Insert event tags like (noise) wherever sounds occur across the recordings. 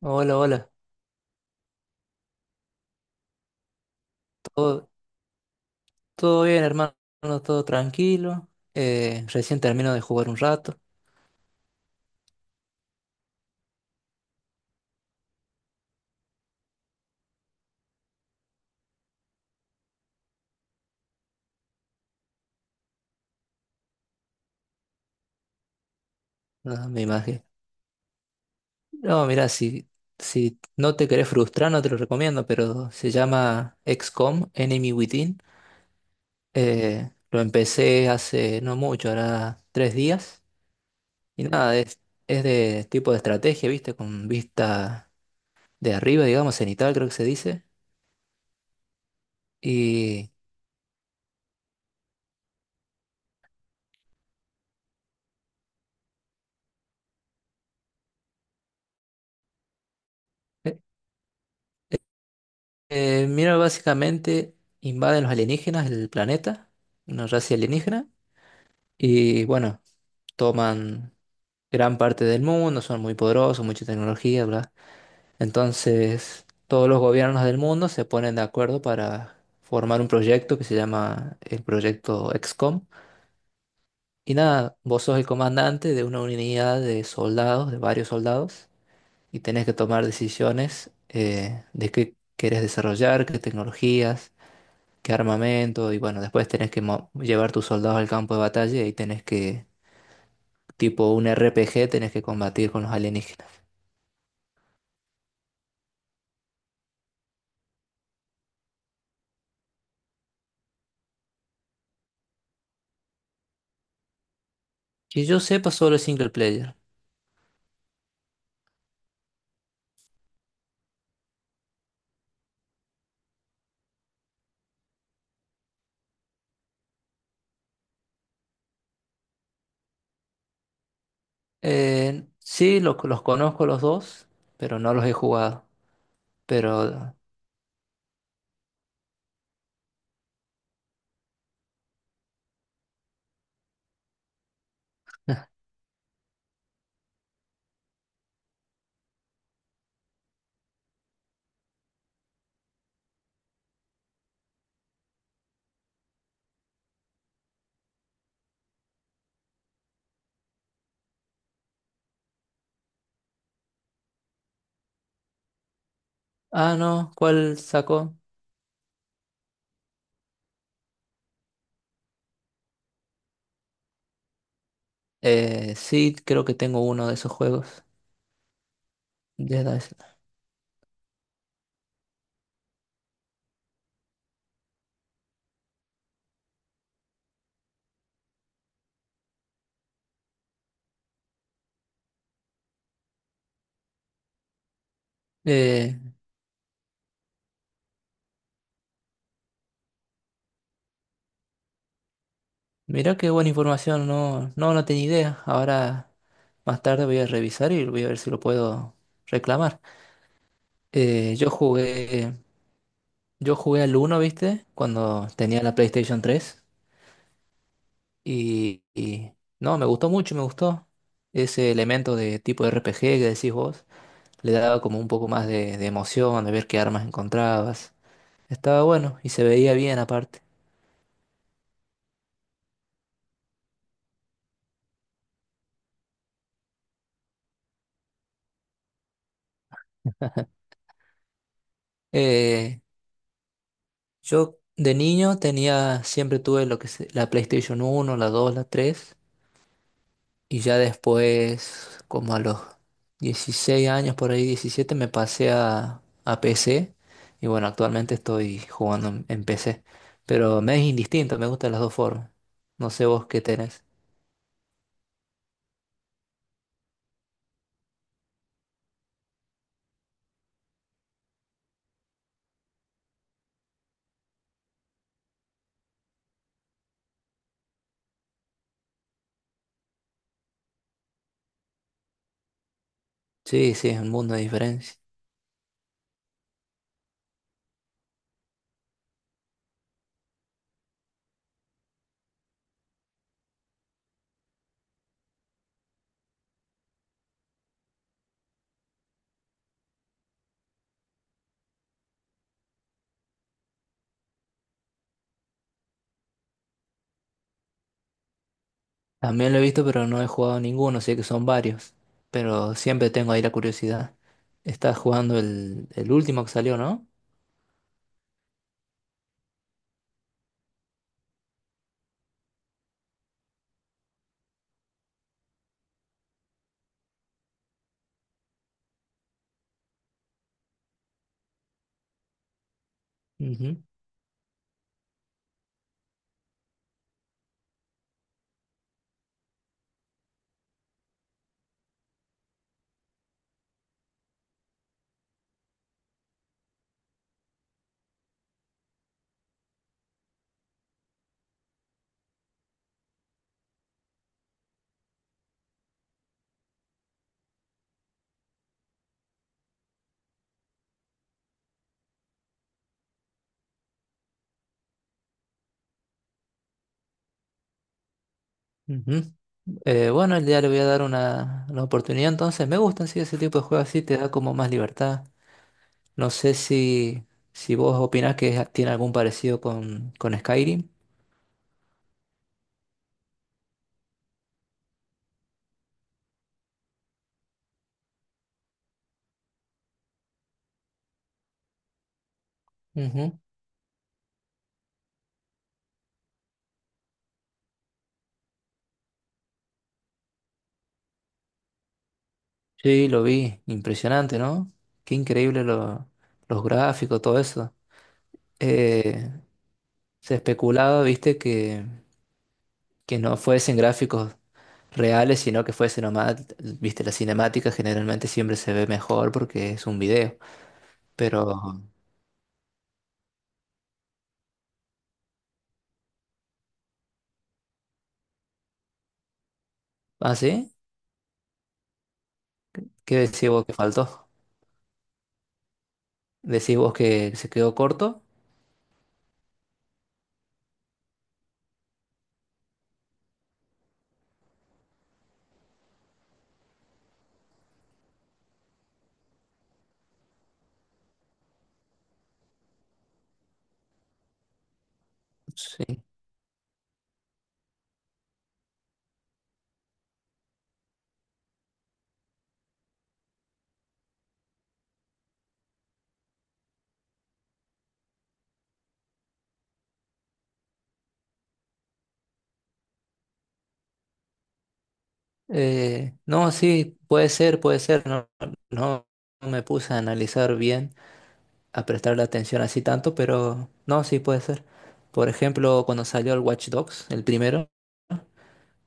Hola, hola. Todo, todo bien, hermano. Todo tranquilo. Recién termino de jugar un rato. No, me imagino. No, mira, si no te querés frustrar, no te lo recomiendo, pero se llama XCOM, Enemy Within. Lo empecé hace no mucho, ahora 3 días. Y nada, es de tipo de estrategia, ¿viste? Con vista de arriba, digamos, cenital, creo que se dice. Y. Mira, básicamente invaden los alienígenas el planeta, una raza alienígena, y bueno, toman gran parte del mundo, son muy poderosos, mucha tecnología, bla. Entonces, todos los gobiernos del mundo se ponen de acuerdo para formar un proyecto que se llama el proyecto XCOM. Y nada, vos sos el comandante de una unidad de soldados, de varios soldados, y tenés que tomar decisiones de qué querés desarrollar, qué tecnologías qué armamento, y bueno, después tenés que llevar tus soldados al campo de batalla y ahí tenés que, tipo un RPG, tenés que combatir con los alienígenas. Que yo sepa solo el single player. Sí, los conozco los dos, pero no los he jugado. Pero... (laughs) Ah, no, ¿cuál sacó? Sí, creo que tengo uno de esos juegos. Dead Island. Eh, mira qué buena información, no tenía idea. Ahora más tarde voy a revisar y voy a ver si lo puedo reclamar. Eh, yo jugué, yo jugué al uno, ¿viste? Cuando tenía la PlayStation 3 y no, me gustó mucho, me gustó ese elemento de tipo RPG que decís vos, le daba como un poco más de emoción, de ver qué armas encontrabas. Estaba bueno y se veía bien aparte. (laughs) Eh, yo de niño tenía, siempre tuve lo que es la PlayStation uno, la 2, la 3. Y ya después, como a los 16 años, por ahí 17, me pasé a PC. Y bueno, actualmente estoy jugando en PC. Pero me es indistinto, me gustan las dos formas. No sé vos qué tenés. Sí, sí, es un mundo de diferencia. También lo he visto, pero no he jugado ninguno, sé que son varios. Pero siempre tengo ahí la curiosidad. Estás jugando el último que salió, ¿no? Ujú, ujú. Bueno, ya le voy a dar una oportunidad, entonces me gusta sí, ese tipo de juegos así, te da como más libertad. No sé si vos opinás que es- tiene algún parecido con Skyrim. Ujú. Sí, lo vi, impresionante, ¿no? Qué increíble los gráficos, todo eso. Eh, Se especulaba, viste, que no fuesen gráficos reales, sino que fuese nomás, viste, la cinemática generalmente siempre se ve mejor porque es un video. Pero, ¿ah, sí? ¿Qué decís vos que faltó? ¿Decís vos que se quedó corto? Sí. No, sí, puede ser, puede ser. No, no me puse a analizar bien, a prestarle atención así tanto, pero no, sí puede ser. Por ejemplo, cuando salió el Watch Dogs, el primero,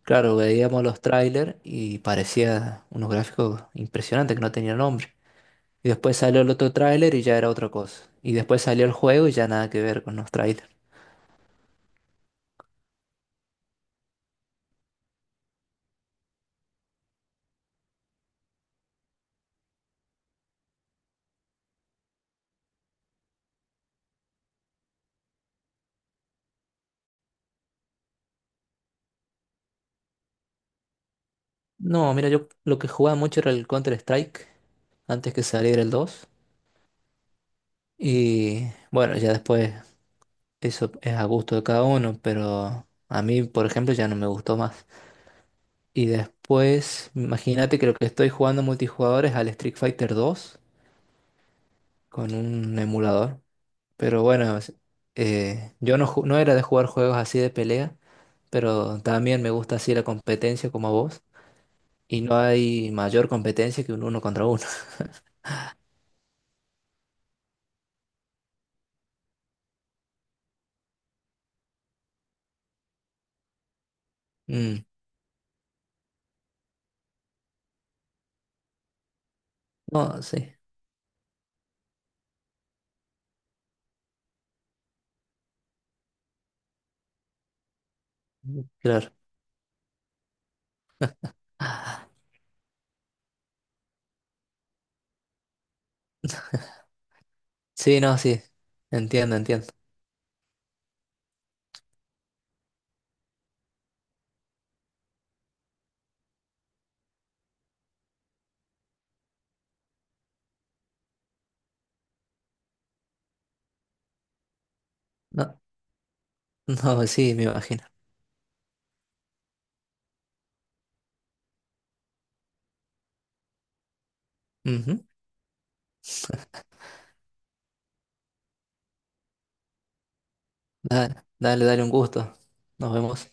claro, veíamos los trailers y parecía unos gráficos impresionantes que no tenían nombre. Y después salió el otro tráiler y ya era otra cosa. Y después salió el juego y ya nada que ver con los trailers. No, mira, yo lo que jugaba mucho era el Counter-Strike, antes que saliera el 2. Y bueno, ya después eso es a gusto de cada uno, pero a mí, por ejemplo, ya no me gustó más. Y después, imagínate que lo que estoy jugando multijugador es al Street Fighter 2 con un emulador. Pero bueno, yo no, no era de jugar juegos así de pelea, pero también me gusta así la competencia como a vos. Y no hay mayor competencia que un uno contra uno. (laughs) Mm, no, sí. Claro. Sí, no, sí. Entiendo, entiendo. No, (laughs) no, sí, me imagino. Ujú. Dale, dale, dale, un gusto. Nos vemos.